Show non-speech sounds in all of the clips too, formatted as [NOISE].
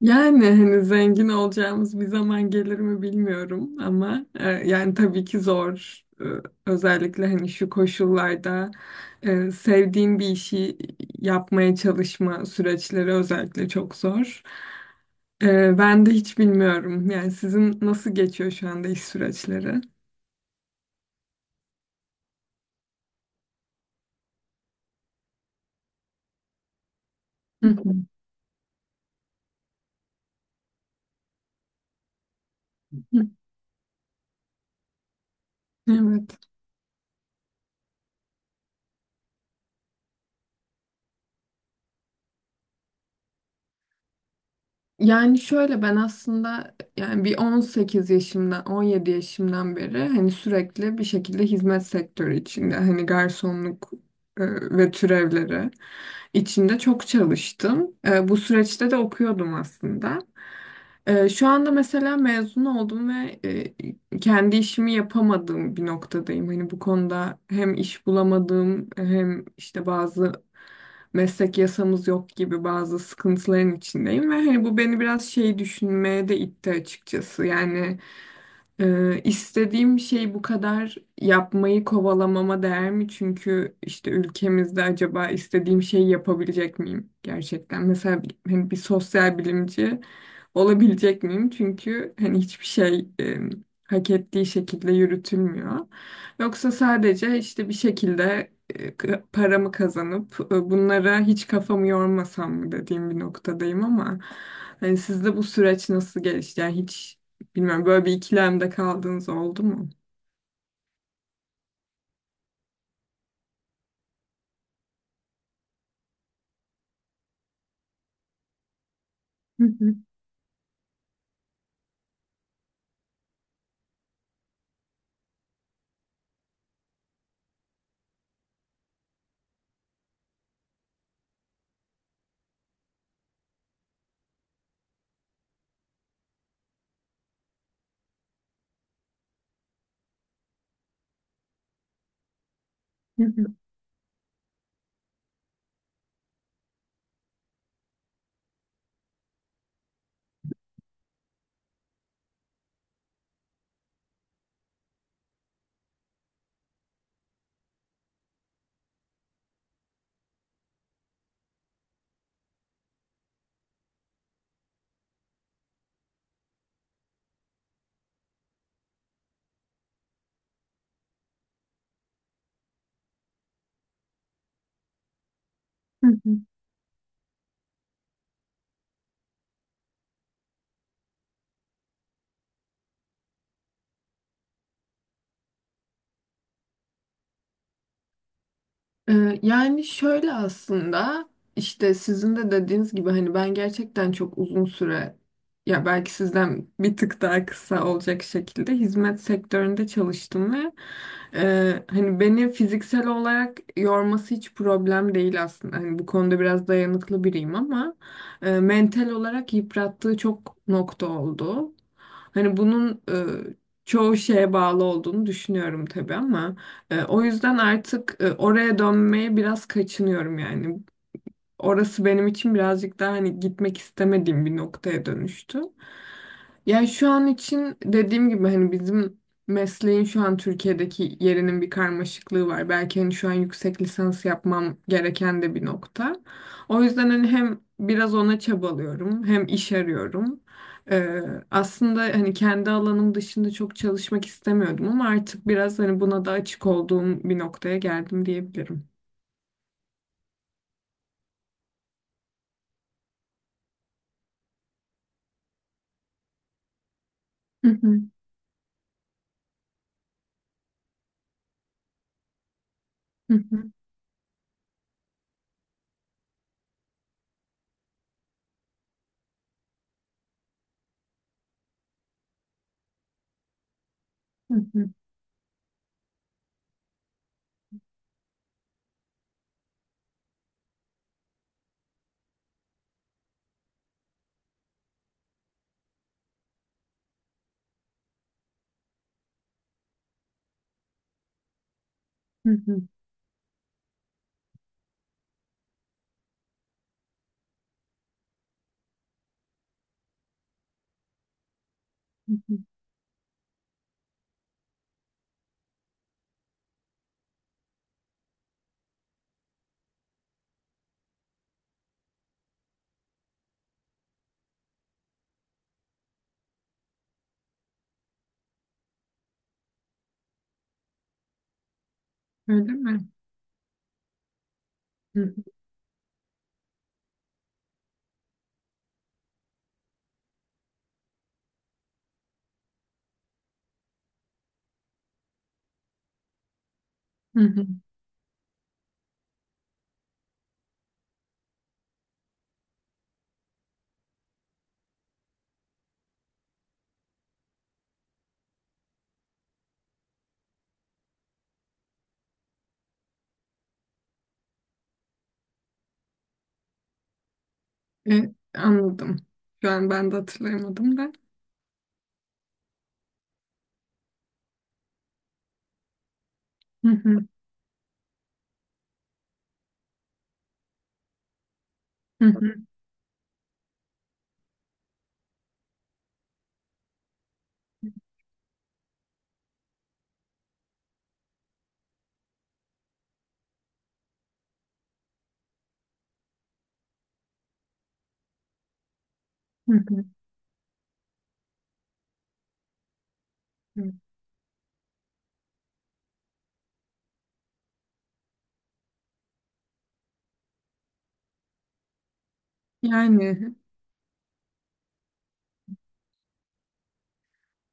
Yani hani zengin olacağımız bir zaman gelir mi bilmiyorum ama yani tabii ki zor. Özellikle hani şu koşullarda sevdiğin bir işi yapmaya çalışma süreçleri özellikle çok zor. Ben de hiç bilmiyorum. Yani sizin nasıl geçiyor şu anda iş süreçleri? Hı hı. [LAUGHS] Evet. Yani şöyle ben aslında yani bir 18 yaşımdan 17 yaşımdan beri hani sürekli bir şekilde hizmet sektörü içinde hani garsonluk e, ve türevleri içinde çok çalıştım. Bu süreçte de okuyordum aslında. Şu anda mesela mezun oldum ve kendi işimi yapamadığım bir noktadayım. Hani bu konuda hem iş bulamadığım hem işte bazı meslek yasamız yok gibi bazı sıkıntıların içindeyim ve hani bu beni biraz şey düşünmeye de itti açıkçası. Yani istediğim şey bu kadar yapmayı kovalamama değer mi? Çünkü işte ülkemizde acaba istediğim şeyi yapabilecek miyim gerçekten? Mesela hani bir sosyal bilimci olabilecek miyim? Çünkü hani hiçbir şey hak ettiği şekilde yürütülmüyor. Yoksa sadece işte bir şekilde paramı kazanıp bunlara hiç kafamı yormasam mı dediğim bir noktadayım ama hani sizde bu süreç nasıl gelişti? Yani hiç bilmem böyle bir ikilemde kaldığınız oldu mu? [LAUGHS] Yani şöyle aslında işte sizin de dediğiniz gibi hani ben gerçekten çok uzun süre ya belki sizden bir tık daha kısa olacak şekilde hizmet sektöründe çalıştım ve hani beni fiziksel olarak yorması hiç problem değil aslında. Hani bu konuda biraz dayanıklı biriyim ama mental olarak yıprattığı çok nokta oldu. Hani bunun çoğu şeye bağlı olduğunu düşünüyorum tabii ama. O yüzden artık oraya dönmeye biraz kaçınıyorum yani orası benim için birazcık daha hani gitmek istemediğim bir noktaya dönüştü. Yani şu an için dediğim gibi hani bizim mesleğin şu an Türkiye'deki yerinin bir karmaşıklığı var. Belki hani şu an yüksek lisans yapmam gereken de bir nokta. O yüzden hani hem biraz ona çabalıyorum hem iş arıyorum. Ee, Aslında hani kendi alanım dışında çok çalışmak istemiyordum ama artık biraz hani buna da açık olduğum bir noktaya geldim diyebilirim. Hı hı, hı hı, hı hı, hı hı. Hı hı. Öyle mi? Hı hı. Hı hı. Anladım. Şu an ben de hatırlayamadım da. Hı hı. Hı hı. Hı hı. Yani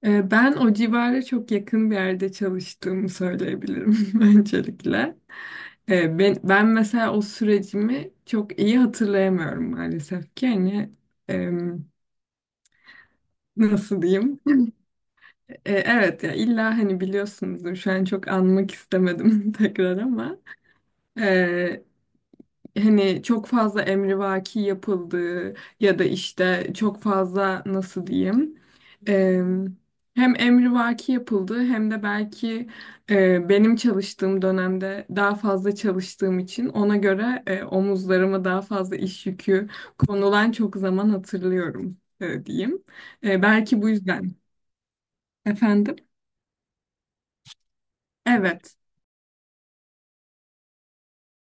ben o civara çok yakın bir yerde çalıştığımı söyleyebilirim [LAUGHS] öncelikle. Ben mesela o sürecimi çok iyi hatırlayamıyorum maalesef ki. Hani em, nasıl diyeyim? Evet ya illa hani biliyorsunuzdur şu an çok anmak istemedim [LAUGHS] tekrar ama. e, Hani çok fazla emrivaki yapıldığı ya da işte çok fazla nasıl diyeyim e, hem emrivaki yapıldığı hem de belki benim çalıştığım dönemde daha fazla çalıştığım için ona göre omuzlarıma daha fazla iş yükü konulan çok zaman hatırlıyorum diyeyim. Belki bu yüzden efendim. Evet.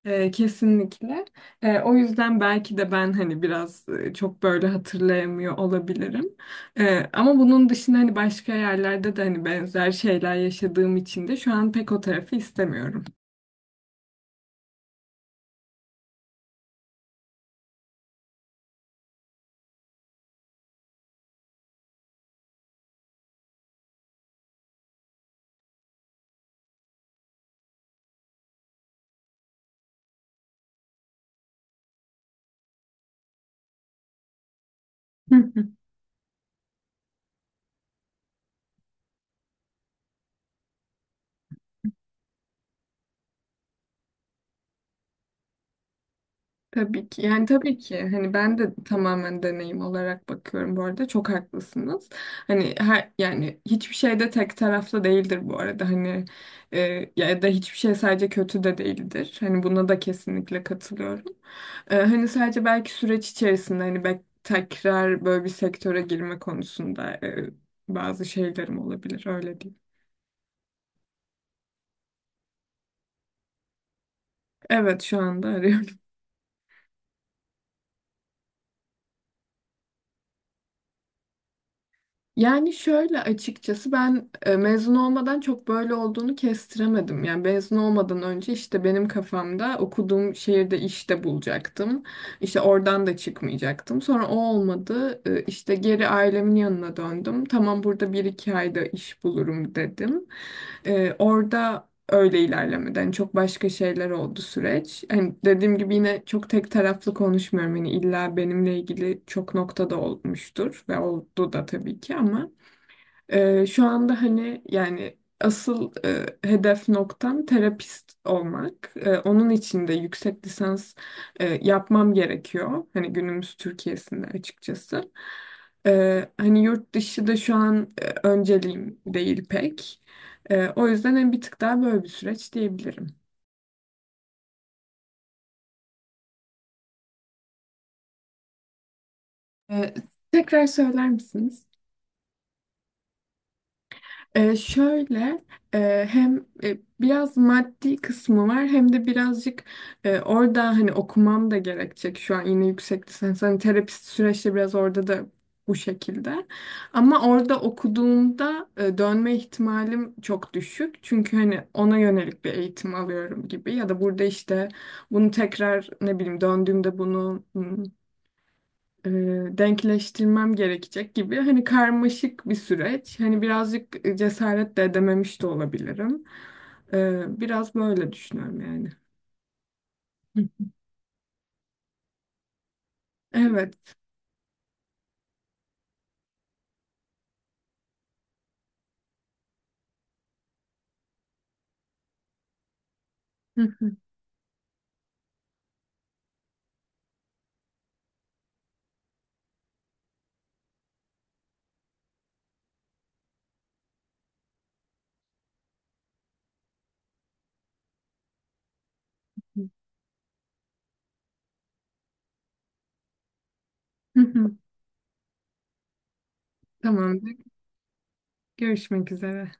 Kesinlikle. O yüzden belki de ben hani biraz çok böyle hatırlayamıyor olabilirim. Ama bunun dışında hani başka yerlerde de hani benzer şeyler yaşadığım için de şu an pek o tarafı istemiyorum. [LAUGHS] Tabii ki yani tabii ki hani ben de tamamen deneyim olarak bakıyorum bu arada çok haklısınız. Hani her, yani hiçbir şey de tek taraflı değildir bu arada hani ya da hiçbir şey sadece kötü de değildir. Hani buna da kesinlikle katılıyorum. Hani sadece belki süreç içerisinde hani belki tekrar böyle bir sektöre girme konusunda bazı şeylerim olabilir öyle diyeyim. Evet, şu anda arıyorum. Yani şöyle açıkçası ben mezun olmadan çok böyle olduğunu kestiremedim. Yani mezun olmadan önce işte benim kafamda okuduğum şehirde işte bulacaktım. İşte oradan da çıkmayacaktım. Sonra o olmadı. İşte geri ailemin yanına döndüm. Tamam, burada bir iki ayda iş bulurum dedim. Orada öyle ilerlemeden hani çok başka şeyler oldu süreç. Hani dediğim gibi yine çok tek taraflı konuşmuyorum. Hani illa benimle ilgili çok noktada olmuştur ve oldu da tabii ki ama şu anda hani yani asıl hedef noktam terapist olmak. Onun için de yüksek lisans yapmam gerekiyor. Hani günümüz Türkiye'sinde açıkçası. Hani yurt dışı da şu an önceliğim değil pek. O yüzden hani bir tık daha böyle bir süreç diyebilirim. Ee, Tekrar söyler misiniz? Şöyle hem biraz maddi kısmı var hem de birazcık orada hani okumam da gerekecek şu an yine yüksek lisans hani terapist süreçte biraz orada da bu şekilde ama orada okuduğumda dönme ihtimalim çok düşük çünkü hani ona yönelik bir eğitim alıyorum gibi ya da burada işte bunu tekrar ne bileyim döndüğümde bunu e, denkleştirmem gerekecek gibi hani karmaşık bir süreç. Hani birazcık cesaret de edememiş de olabilirim. Biraz böyle düşünüyorum yani. Hı. Evet. Hı hı hı. Hı hı. Tamamdır. Görüşmek üzere.